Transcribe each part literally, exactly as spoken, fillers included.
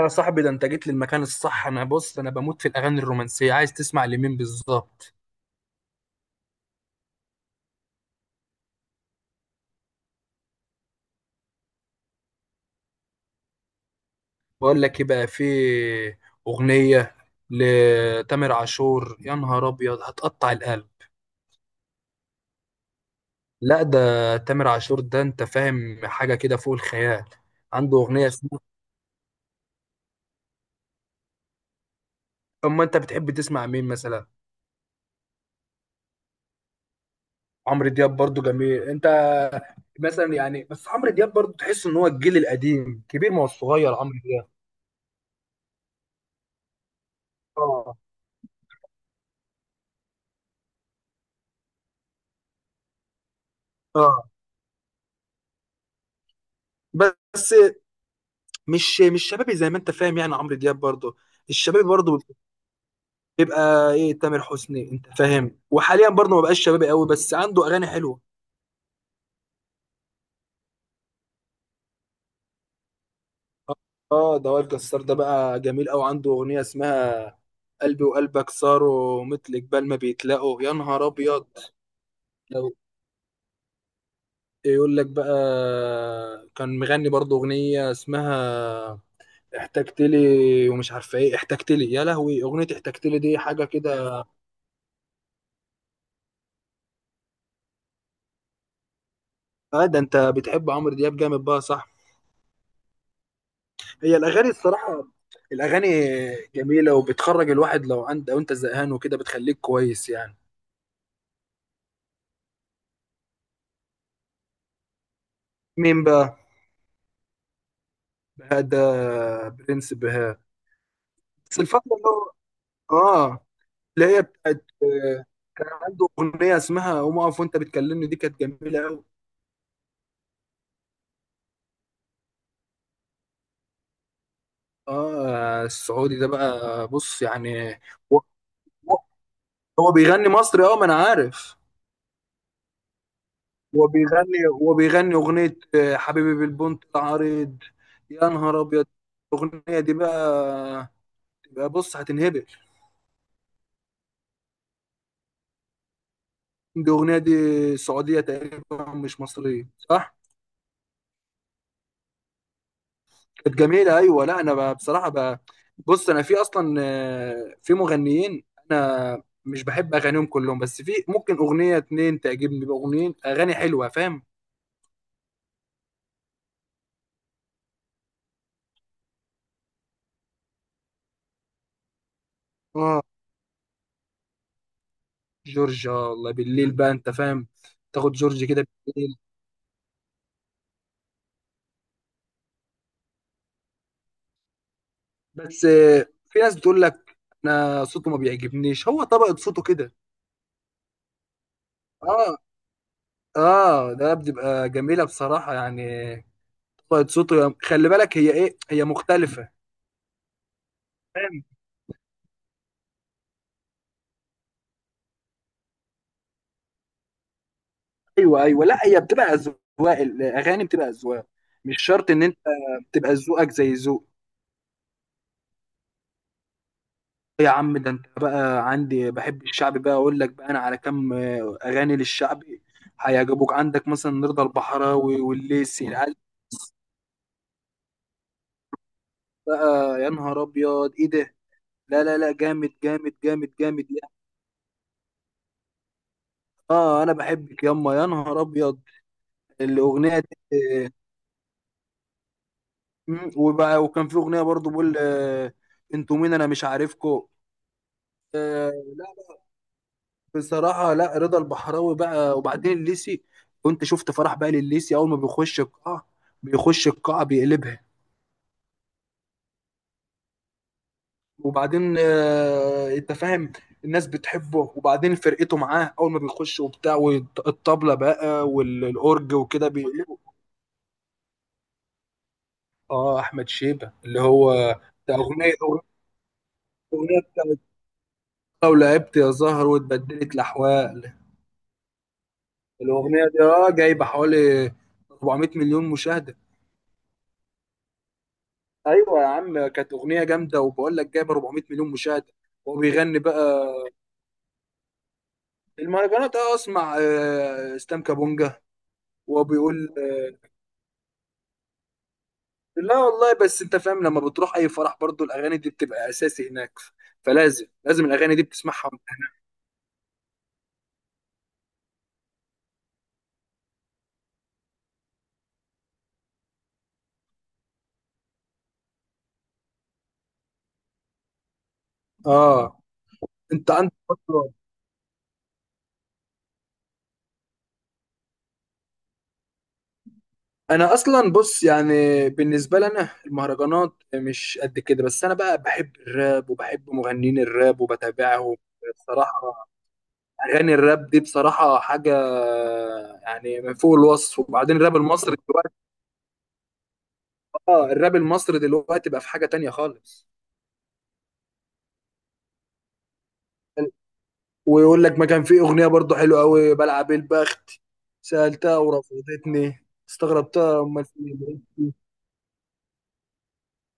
يا صاحبي، ده انت جيت للمكان الصح. انا بص، انا بموت في الاغاني الرومانسيه. عايز تسمع لمين بالظبط؟ بقول لك ايه بقى، في اغنيه لتامر عاشور، يا نهار ابيض هتقطع القلب. لا ده تامر عاشور، ده انت فاهم حاجه كده فوق الخيال. عنده اغنيه اسمها. اما انت بتحب تسمع مين مثلا؟ عمرو دياب برضو جميل. انت مثلا يعني، بس عمرو دياب برضو تحس ان هو الجيل القديم، كبير، ما هو صغير عمرو دياب. اه اه. بس مش مش شبابي زي ما انت فاهم، يعني عمرو دياب برضه. الشبابي برضه بيبقى ايه؟ تامر حسني، انت فاهم، وحاليا برضه ما بقاش شبابي قوي، بس عنده اغاني حلوه. اه. آه، ده وائل جسار ده بقى جميل قوي. عنده اغنيه اسمها قلبي وقلبك صاروا مثل جبال ما بيتلاقوا، يا نهار ابيض. لو يقول لك بقى، كان مغني برضه اغنيه اسمها احتجت لي، ومش عارفه ايه احتجت لي، يا لهوي اغنيه احتجت لي دي حاجه كده. اه، ده انت بتحب عمرو دياب جامد بقى، صح؟ هي الاغاني الصراحه، الاغاني جميله وبتخرج الواحد، لو عند، لو انت زهقان وكده بتخليك كويس يعني. مين بقى؟ بهاء ده، برنس بهاء. بس الفتره اللي هو. اه. اللي هي بتاعت آه، كان عنده اغنيه اسمها قوم اقف وانت بتكلمني، دي كانت جميله قوي. اه، السعودي ده بقى، بص يعني. هو هو- هو بيغني مصري، اه ما انا عارف. هو بيغني، هو بيغني اغنيه آه، حبيبي بالبنت العريض، يا نهار ابيض، الاغنيه دي بقى يبقى بص هتنهبل. دي اغنيه دي سعوديه تقريبا، مش مصريه، صح؟ كانت جميله، ايوه. لا، انا بقى بصراحه بقى، بص انا في اصلا آه، في مغنيين انا مش بحب اغانيهم كلهم، بس في ممكن اغنيه اتنين تعجبني باغنيين، اغاني حلوه، فاهم. اه، جورج آه، الله بالليل بقى، انت فاهم، تاخد جورج كده بالليل. بس آه، في ناس بتقول لك انا صوته ما بيعجبنيش، هو طبقه صوته كده. اه. اه، ده بتبقى جميله بصراحه يعني. طبقة صوته يا- خلي بالك، هي ايه، هي مختلفة. فاهم. ايوه ايوه، لا هي بتبقى اذواق، الاغاني بتبقى اذواق. مش شرط ان انت تبقى ذوقك زي ذوق. يا عم، ده انت بقى عندي بحب الشعبي بقى، اقول لك بقى انا على كام آه، اغاني للشعبي هيعجبوك. عندك مثلا رضا البحراوي والليسي العيال بقى، يا نهار ابيض ايه ده! لا لا لا، جامد جامد جامد جامد يعني. اه، انا بحبك ياما، يا نهار ابيض الاغنيه دي. مم. وبقى وكان في اغنيه برضو بقول آه، انتوا مين انا مش عارفكو. آه. لا، بصراحه لا رضا البحراوي بقى، وبعدين الليسي، كنت شفت فرح بقى للليسي، اول ما بيخش القاعه، بيخش القاعه بيقلبها. وبعدين آه، انت فاهم، الناس بتحبه، وبعدين فرقته معاه اول ما بيخش وبتاع والطبله بقى والاورج وكده بيقلبه. اه، احمد شيبه اللي هو بتاع اغنيه، اغنيه بتاعت لو لعبت يا زهر واتبدلت الاحوال. الاغنيه دي اه جايبه حوالي أربعمئة مليون مشاهده. ايوه يا عم، كانت اغنيه جامده، وبقول لك جايبه أربعمئة مليون مشاهده، وهو بيغني بقى. المهرجانات، اه اسمع آه، اسلام كابونجا. وهو بيقول آه، لا والله، بس انت فاهم لما بتروح اي فرح برضو الاغاني دي بتبقى اساسي هناك، فلازم لازم الاغاني دي بتسمعها وأنت هناك. اه، انت عندك برضو. انا اصلا بص يعني، بالنسبه لنا المهرجانات مش قد كده، بس انا بقى بحب الراب وبحب مغنيين الراب وبتابعهم. بصراحه اغاني الراب دي بصراحه حاجه يعني من فوق الوصف. وبعدين الراب المصري دلوقتي، اه الراب المصري دلوقتي بقى في حاجه تانية خالص. ويقول لك، ما كان في اغنيه برضو حلوه قوي، بلعب البخت، سالتها ورفضتني، استغربتها امال في إيه؟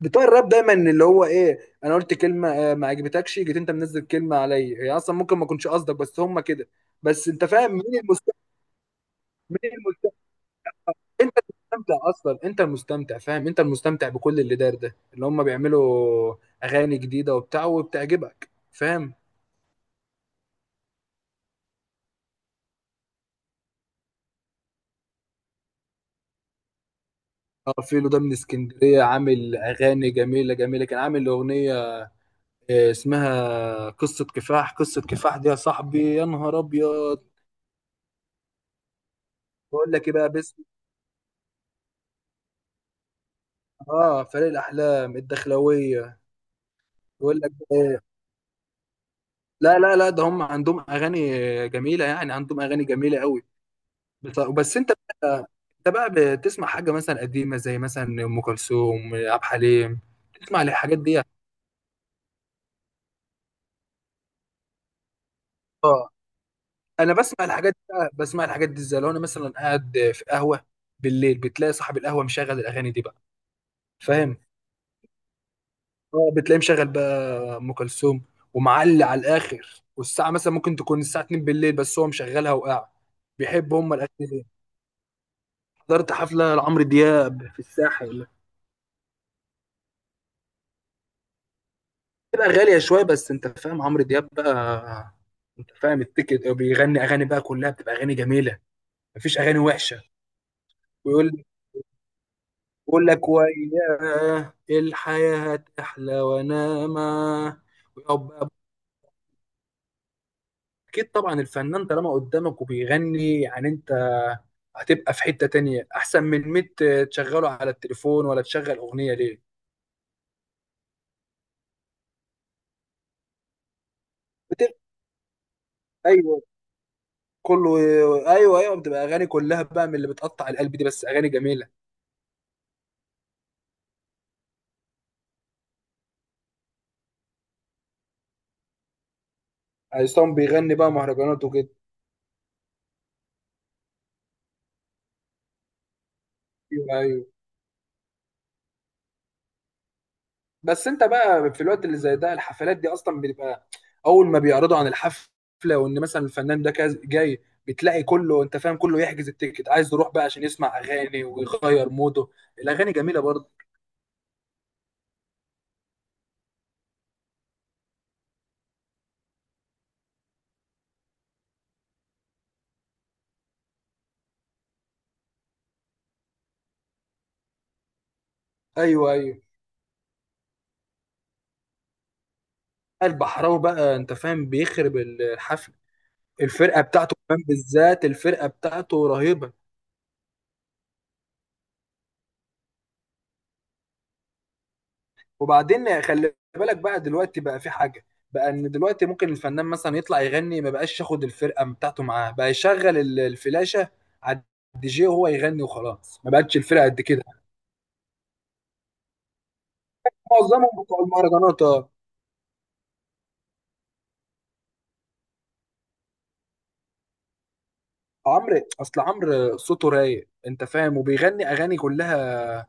بتوع الراب دايما اللي هو ايه، انا قلت كلمه آه، ما عجبتكش، جيت انت منزل كلمه عليا، هي اصلا ممكن ما اكونش قصدك، بس هم كده. بس انت فاهم، مين المستمتع؟ مين المستمتع؟ انت المستمتع اصلا، انت المستمتع فاهم، انت المستمتع بكل اللي دار ده، اللي هم بيعملوا اغاني جديده وبتاع وبتعجبك، فاهم. اه فيلو ده من اسكندريه، عامل اغاني جميله جميله. كان عامل اغنيه آه، اسمها قصه كفاح، قصه كفاح دي يا صاحبي، يا نهار ابيض. بقول لك ايه بقى بس، اه فريق الاحلام الدخلويه. يقول لك، لا لا لا، ده هم عندهم اغاني جميله يعني، عندهم اغاني جميله قوي. بس بس انت بقى، انت بقى بتسمع حاجه مثلا قديمه زي مثلا ام كلثوم عبد الحليم، تسمع الحاجات دي. اه، انا بسمع الحاجات دي بقى- بسمع الحاجات دي ازاي، لو انا مثلا قاعد في قهوه بالليل، بتلاقي صاحب القهوه مشغل الاغاني دي بقى. فاهم. اه بتلاقيه مشغل بقى ام كلثوم، ومعلي على الاخر، والساعه مثلا ممكن تكون الساعه اتنين بالليل، بس هو مشغلها وقاعد بيحب هم الاغاني. حضرت حفله لعمرو دياب في الساحل. بتبقى غاليه شويه، بس انت فاهم عمرو دياب بقى، انت فاهم التيكت، بيغني اغاني بقى كلها بتبقى اغاني جميله، مفيش اغاني وحشه. ويقول، يقول لك وياه الحياه احلى وانا معاه، ويقعد بقى. اكيد طبعا الفنان طالما قدامك وبيغني، يعني انت هتبقى في حتة تانية احسن من مية تشغله على التليفون ولا تشغل اغنية ليه. بتبقى، ايوه، كله. ايوه ايوه بتبقى اغاني كلها بقى من اللي بتقطع القلب دي، بس اغاني جميلة. عصام بيغني بقى مهرجانات وكده. ايوه ايوه، بس انت بقى في الوقت اللي زي ده، الحفلات دي اصلا بتبقى اول ما بيعرضوا عن الحفلة، وان مثلا الفنان ده كاز- جاي، بتلاقي كله انت فاهم، كله يحجز التيكت عايز يروح بقى عشان يسمع اغاني ويغير موده. الاغاني جميله برضه. ايوه ايوه. البحراوي بقى انت فاهم بيخرب الحفله، الفرقه بتاعته كمان، بالذات الفرقه بتاعته رهيبه. وبعدين خلي بالك بقى دلوقتي بقى، في حاجه بقى، ان دلوقتي ممكن الفنان مثلا يطلع يغني ما بقاش ياخد الفرقه بتاعته معاه، بقى يشغل ال- الفلاشه على الدي جي وهو يغني وخلاص، ما بقتش الفرقه قد كده. معظمهم بتوع المهرجانات آه. عمرو، اصل عمرو صوته رايق انت فاهم، وبيغني اغاني كلها،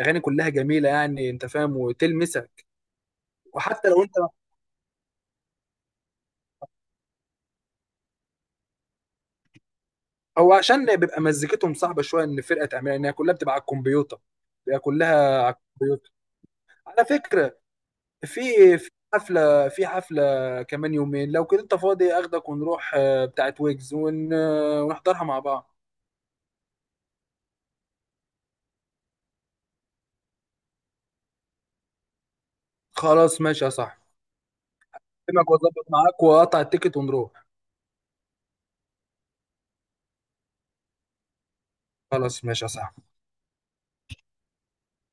اغاني كلها جميله يعني انت فاهم وتلمسك. وحتى لو انت، هو عشان بيبقى مزيكتهم صعبه شويه، ان الفرقه تعملها، ان هي كلها بتبقى على الكمبيوتر، بيبقى كلها على الكمبيوتر. على فكره، في في حفله، في حفله كمان يومين، لو كده انت فاضي اخدك ونروح آه، بتاعت ويجز ون... آه، ونحضرها مع بعض. خلاص ماشي يا صاحبي، اكلمك واظبط معاك واقطع التيكت ونروح. خلاص ماشي يا صاحبي.